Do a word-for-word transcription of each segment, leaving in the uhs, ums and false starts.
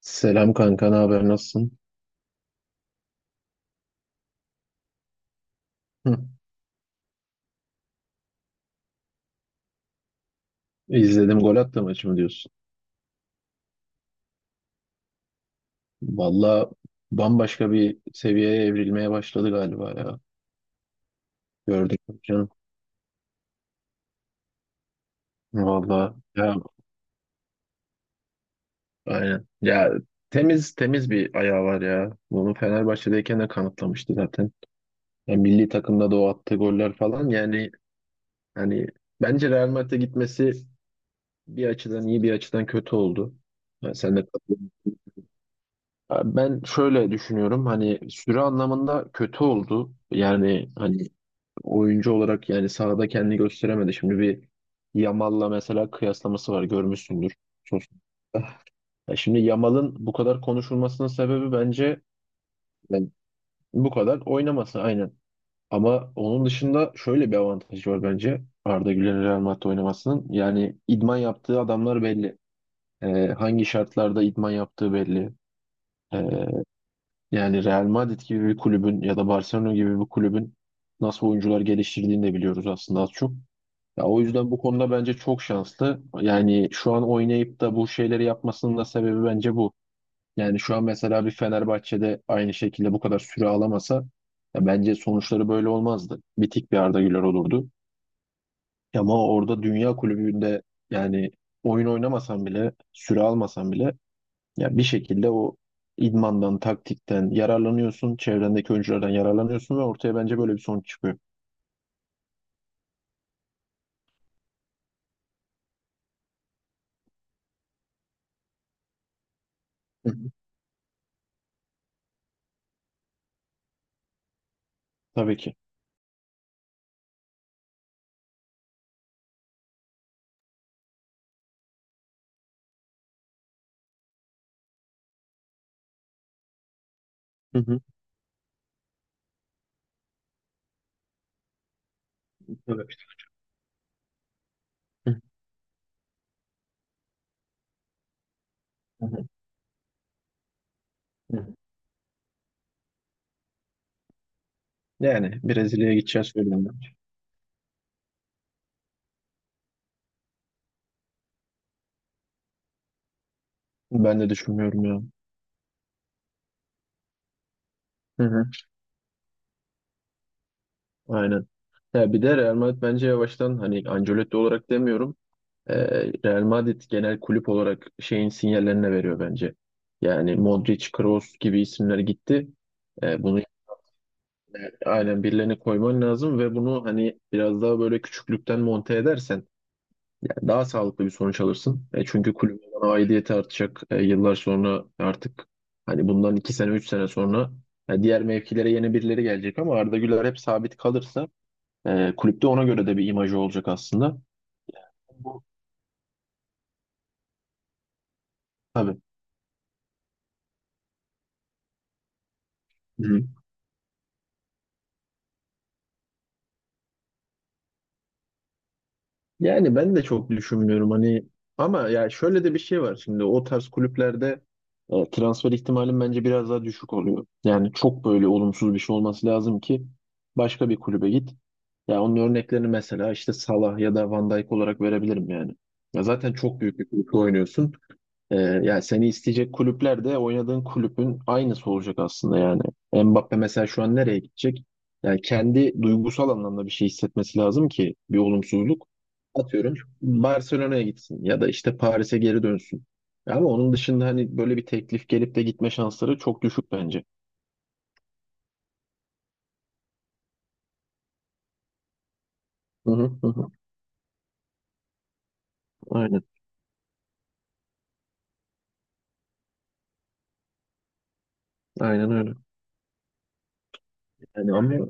Selam kanka, ne haber, nasılsın? Hı. İzledim, gol attı maçı mı diyorsun? Valla, bambaşka bir seviyeye evrilmeye başladı galiba ya. Gördük mü canım. Valla ya, aynen. Ya, temiz temiz bir ayağı var ya. Bunu Fenerbahçe'deyken de kanıtlamıştı zaten. Ya, milli takımda da o attığı goller falan, yani hani bence Real Madrid'e gitmesi bir açıdan iyi bir açıdan kötü oldu. Yani sen de katılıyorsun. Ee, Ben şöyle düşünüyorum, hani süre anlamında kötü oldu. Yani hani, oyuncu olarak yani sahada kendini gösteremedi. Şimdi bir Yamal'la mesela kıyaslaması var, görmüşsündür. Sosyal. Ya şimdi Yamal'ın bu kadar konuşulmasının sebebi bence yani bu kadar oynaması, aynen. Ama onun dışında şöyle bir avantajı var bence Arda Güler'in Real Madrid'de oynamasının. Yani idman yaptığı adamlar belli. Ee, hangi şartlarda idman yaptığı belli. Ee, Yani Real Madrid gibi bir kulübün ya da Barcelona gibi bir kulübün nasıl oyuncular geliştirdiğini de biliyoruz aslında az çok. Ya o yüzden bu konuda bence çok şanslı. Yani şu an oynayıp da bu şeyleri yapmasının da sebebi bence bu. Yani şu an mesela bir Fenerbahçe'de aynı şekilde bu kadar süre alamasa, ya bence sonuçları böyle olmazdı. Bitik bir Arda Güler olurdu. Ama orada, dünya kulübünde yani, oyun oynamasan bile, süre almasan bile, ya bir şekilde o idmandan, taktikten yararlanıyorsun, çevrendeki oyunculardan yararlanıyorsun ve ortaya bence böyle bir sonuç çıkıyor. Hı hı. Tabii ki. Hı hı. Evet. Hı hı. Hı. Hı. Yani Brezilya'ya gideceğiz öyle. Ben ben de düşünmüyorum ya. Hı hı. Aynen. Ya bir de Real Madrid bence yavaştan, hani Ancelotti olarak demiyorum. e, Real Madrid genel kulüp olarak şeyin sinyallerini veriyor bence. Yani Modric, Kroos gibi isimler gitti. E, bunu aynen, birilerini koyman lazım ve bunu hani biraz daha böyle küçüklükten monte edersen yani daha sağlıklı bir sonuç alırsın. E, çünkü kulübün bana aidiyeti artacak. E, yıllar sonra artık, hani bundan iki sene üç sene sonra, e, diğer mevkilere yeni birileri gelecek ama Arda Güler hep sabit kalırsa, e, kulüpte ona göre de bir imajı olacak aslında. Bu, tabii. Hı. Yani ben de çok düşünmüyorum hani, ama ya şöyle de bir şey var şimdi o tarz kulüplerde, e, transfer ihtimalim bence biraz daha düşük oluyor. Yani çok böyle olumsuz bir şey olması lazım ki başka bir kulübe git. Ya onun örneklerini mesela işte Salah ya da Van Dijk olarak verebilirim yani. Ya zaten çok büyük bir kulüpte oynuyorsun. Ee, yani seni isteyecek kulüpler de oynadığın kulübün aynısı olacak aslında yani. Mbappe mesela şu an nereye gidecek? Yani kendi duygusal anlamda bir şey hissetmesi lazım ki, bir olumsuzluk. Atıyorum, Barcelona'ya gitsin ya da işte Paris'e geri dönsün. Ama onun dışında hani böyle bir teklif gelip de gitme şansları çok düşük bence. Hı hı hı. Hı. Aynen. Aynen öyle. Yani ama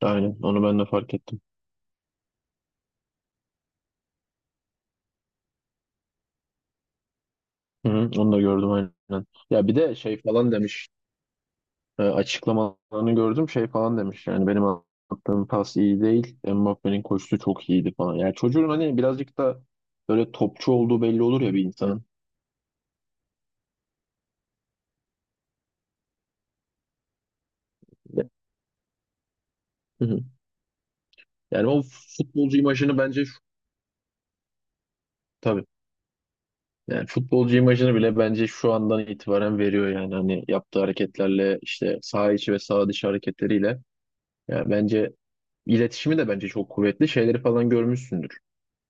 aynen, onu ben de fark ettim. Hı hı, onu da gördüm aynen. Ya bir de şey falan demiş. e, açıklamalarını gördüm, şey falan demiş, yani benim attığım pas iyi değil, Mbappé'nin koşusu çok iyiydi falan. Yani çocuğun hani birazcık da böyle topçu olduğu belli olur ya bir insanın. Hı hı. Yani o futbolcu imajını bence şu, tabii, yani futbolcu imajını bile bence şu andan itibaren veriyor yani, hani yaptığı hareketlerle işte, saha içi ve saha dışı hareketleriyle. Yani bence iletişimi de bence çok kuvvetli, şeyleri falan görmüşsündür.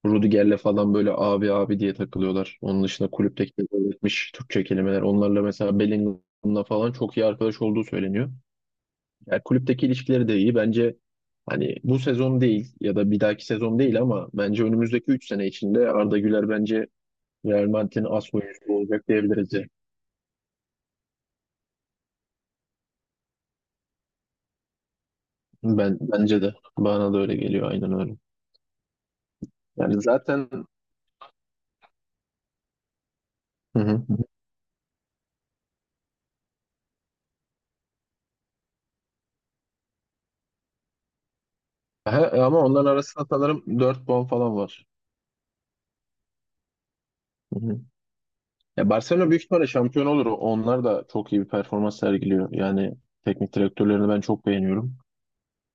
Rudiger'le falan böyle abi abi diye takılıyorlar. Onun dışında kulüpteki öğretmiş Türkçe kelimeler. Onlarla mesela Bellingham'la falan çok iyi arkadaş olduğu söyleniyor. Yani kulüpteki ilişkileri de iyi. Bence hani bu sezon değil ya da bir dahaki sezon değil, ama bence önümüzdeki üç sene içinde Arda Güler bence Real Madrid'in as oyuncusu olacak diyebiliriz yani. Ben bence de, bana da öyle geliyor, aynen öyle. Yani zaten. Hı hı. Aha, ama onların arasında sanırım dört puan falan var. Ya Barcelona büyük ihtimalle şampiyon olur. Onlar da çok iyi bir performans sergiliyor. Yani teknik direktörlerini ben çok beğeniyorum.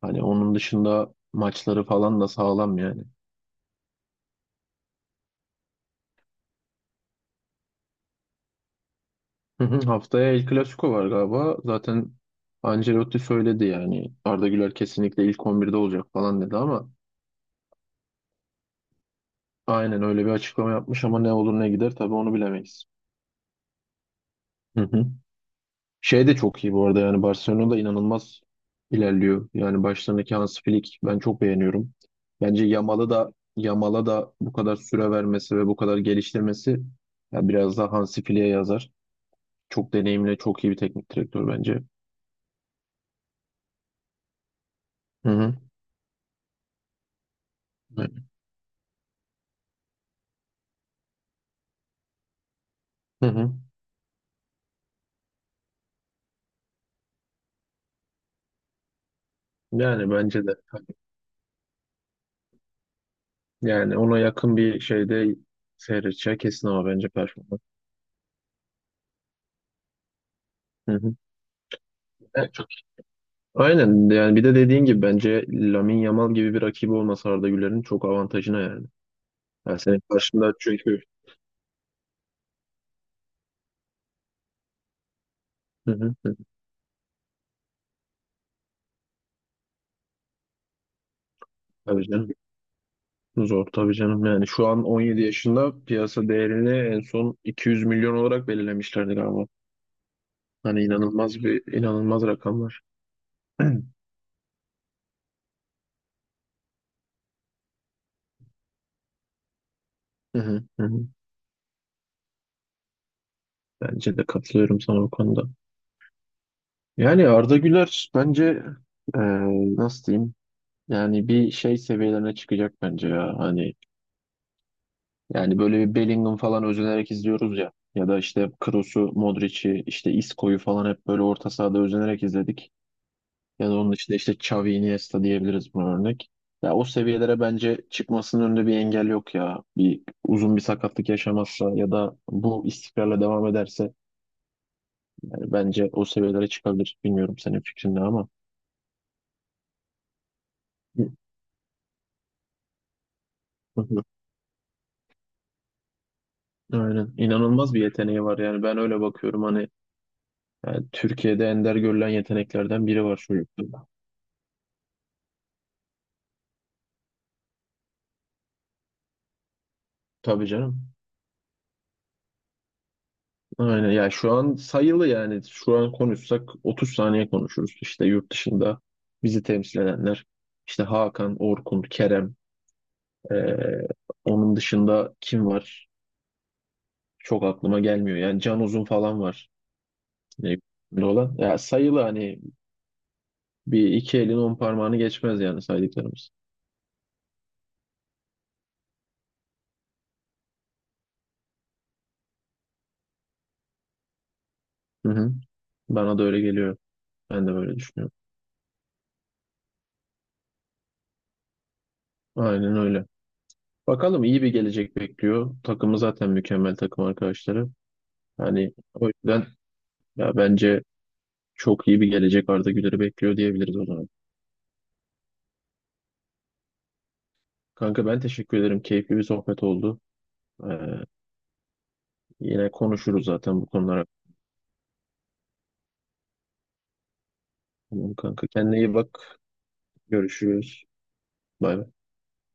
Hani onun dışında maçları falan da sağlam yani. Hı hı. Haftaya El Clasico var galiba. Zaten Ancelotti söyledi yani. Arda Güler kesinlikle ilk on birde olacak falan dedi ama, aynen öyle bir açıklama yapmış ama ne olur ne gider tabii, onu bilemeyiz. Hı hı. Şey de çok iyi bu arada, yani Barcelona da inanılmaz ilerliyor. Yani başlarındaki Hansi Flick ben çok beğeniyorum. Bence Yamal'ı da, Yamal'a da bu kadar süre vermesi ve bu kadar geliştirmesi ya biraz daha Hansi Flick'e yazar. Çok deneyimli, çok iyi bir teknik direktör bence. Hı hı. Hı hı. Yani bence de. Yani ona yakın bir şeyde seyredeceği kesin ama bence performans. Hı hı. Evet, çok iyi. Aynen, yani bir de dediğin gibi bence Lamine Yamal gibi bir rakibi olması Arda Güler'in çok avantajına yani. Yani senin karşında çünkü, hı hı. Tabii canım. Zor tabii canım. Yani şu an on yedi yaşında piyasa değerini en son iki yüz milyon olarak belirlemişlerdi galiba. Hani inanılmaz bir, inanılmaz rakamlar. Hı hı, hı hı. Bence de katılıyorum sana bu konuda. Yani Arda Güler bence, e, nasıl diyeyim? Yani bir şey seviyelerine çıkacak bence ya. Hani yani böyle bir Bellingham falan özenerek izliyoruz ya. Ya da işte Kroos'u, Modric'i, işte Isco'yu falan hep böyle orta sahada özenerek izledik. Ya da onun dışında işte Xavi, Iniesta diyebiliriz buna örnek. Ya o seviyelere bence çıkmasının önünde bir engel yok ya. Bir uzun bir sakatlık yaşamazsa ya da bu istikrarla devam ederse, yani bence o seviyelere çıkabilir. Bilmiyorum senin fikrin ne ama. Hı hı. Aynen. İnanılmaz bir yeteneği var yani, ben öyle bakıyorum, hani yani Türkiye'de ender görülen yeteneklerden biri var çocukta. Tabii canım. Aynen ya, şu an sayılı, yani şu an konuşsak otuz saniye konuşuruz. İşte yurt dışında bizi temsil edenler işte Hakan, Orkun, Kerem, ee, onun dışında kim var? Çok aklıma gelmiyor. Yani Can Uzun falan var. Ne olan. Ya sayılı hani, bir iki elin on parmağını geçmez yani saydıklarımız. Hı hı. Bana da öyle geliyor. Ben de böyle düşünüyorum. Aynen öyle. Bakalım iyi bir gelecek bekliyor. Takımı zaten mükemmel, takım arkadaşları. Hani o yüzden, ya bence çok iyi bir gelecek Arda Güler'i bekliyor diyebiliriz o zaman. Kanka ben teşekkür ederim. Keyifli bir sohbet oldu. Ee, yine konuşuruz zaten bu konular hakkında. Kanka kendine iyi bak. Görüşürüz. Bay bay.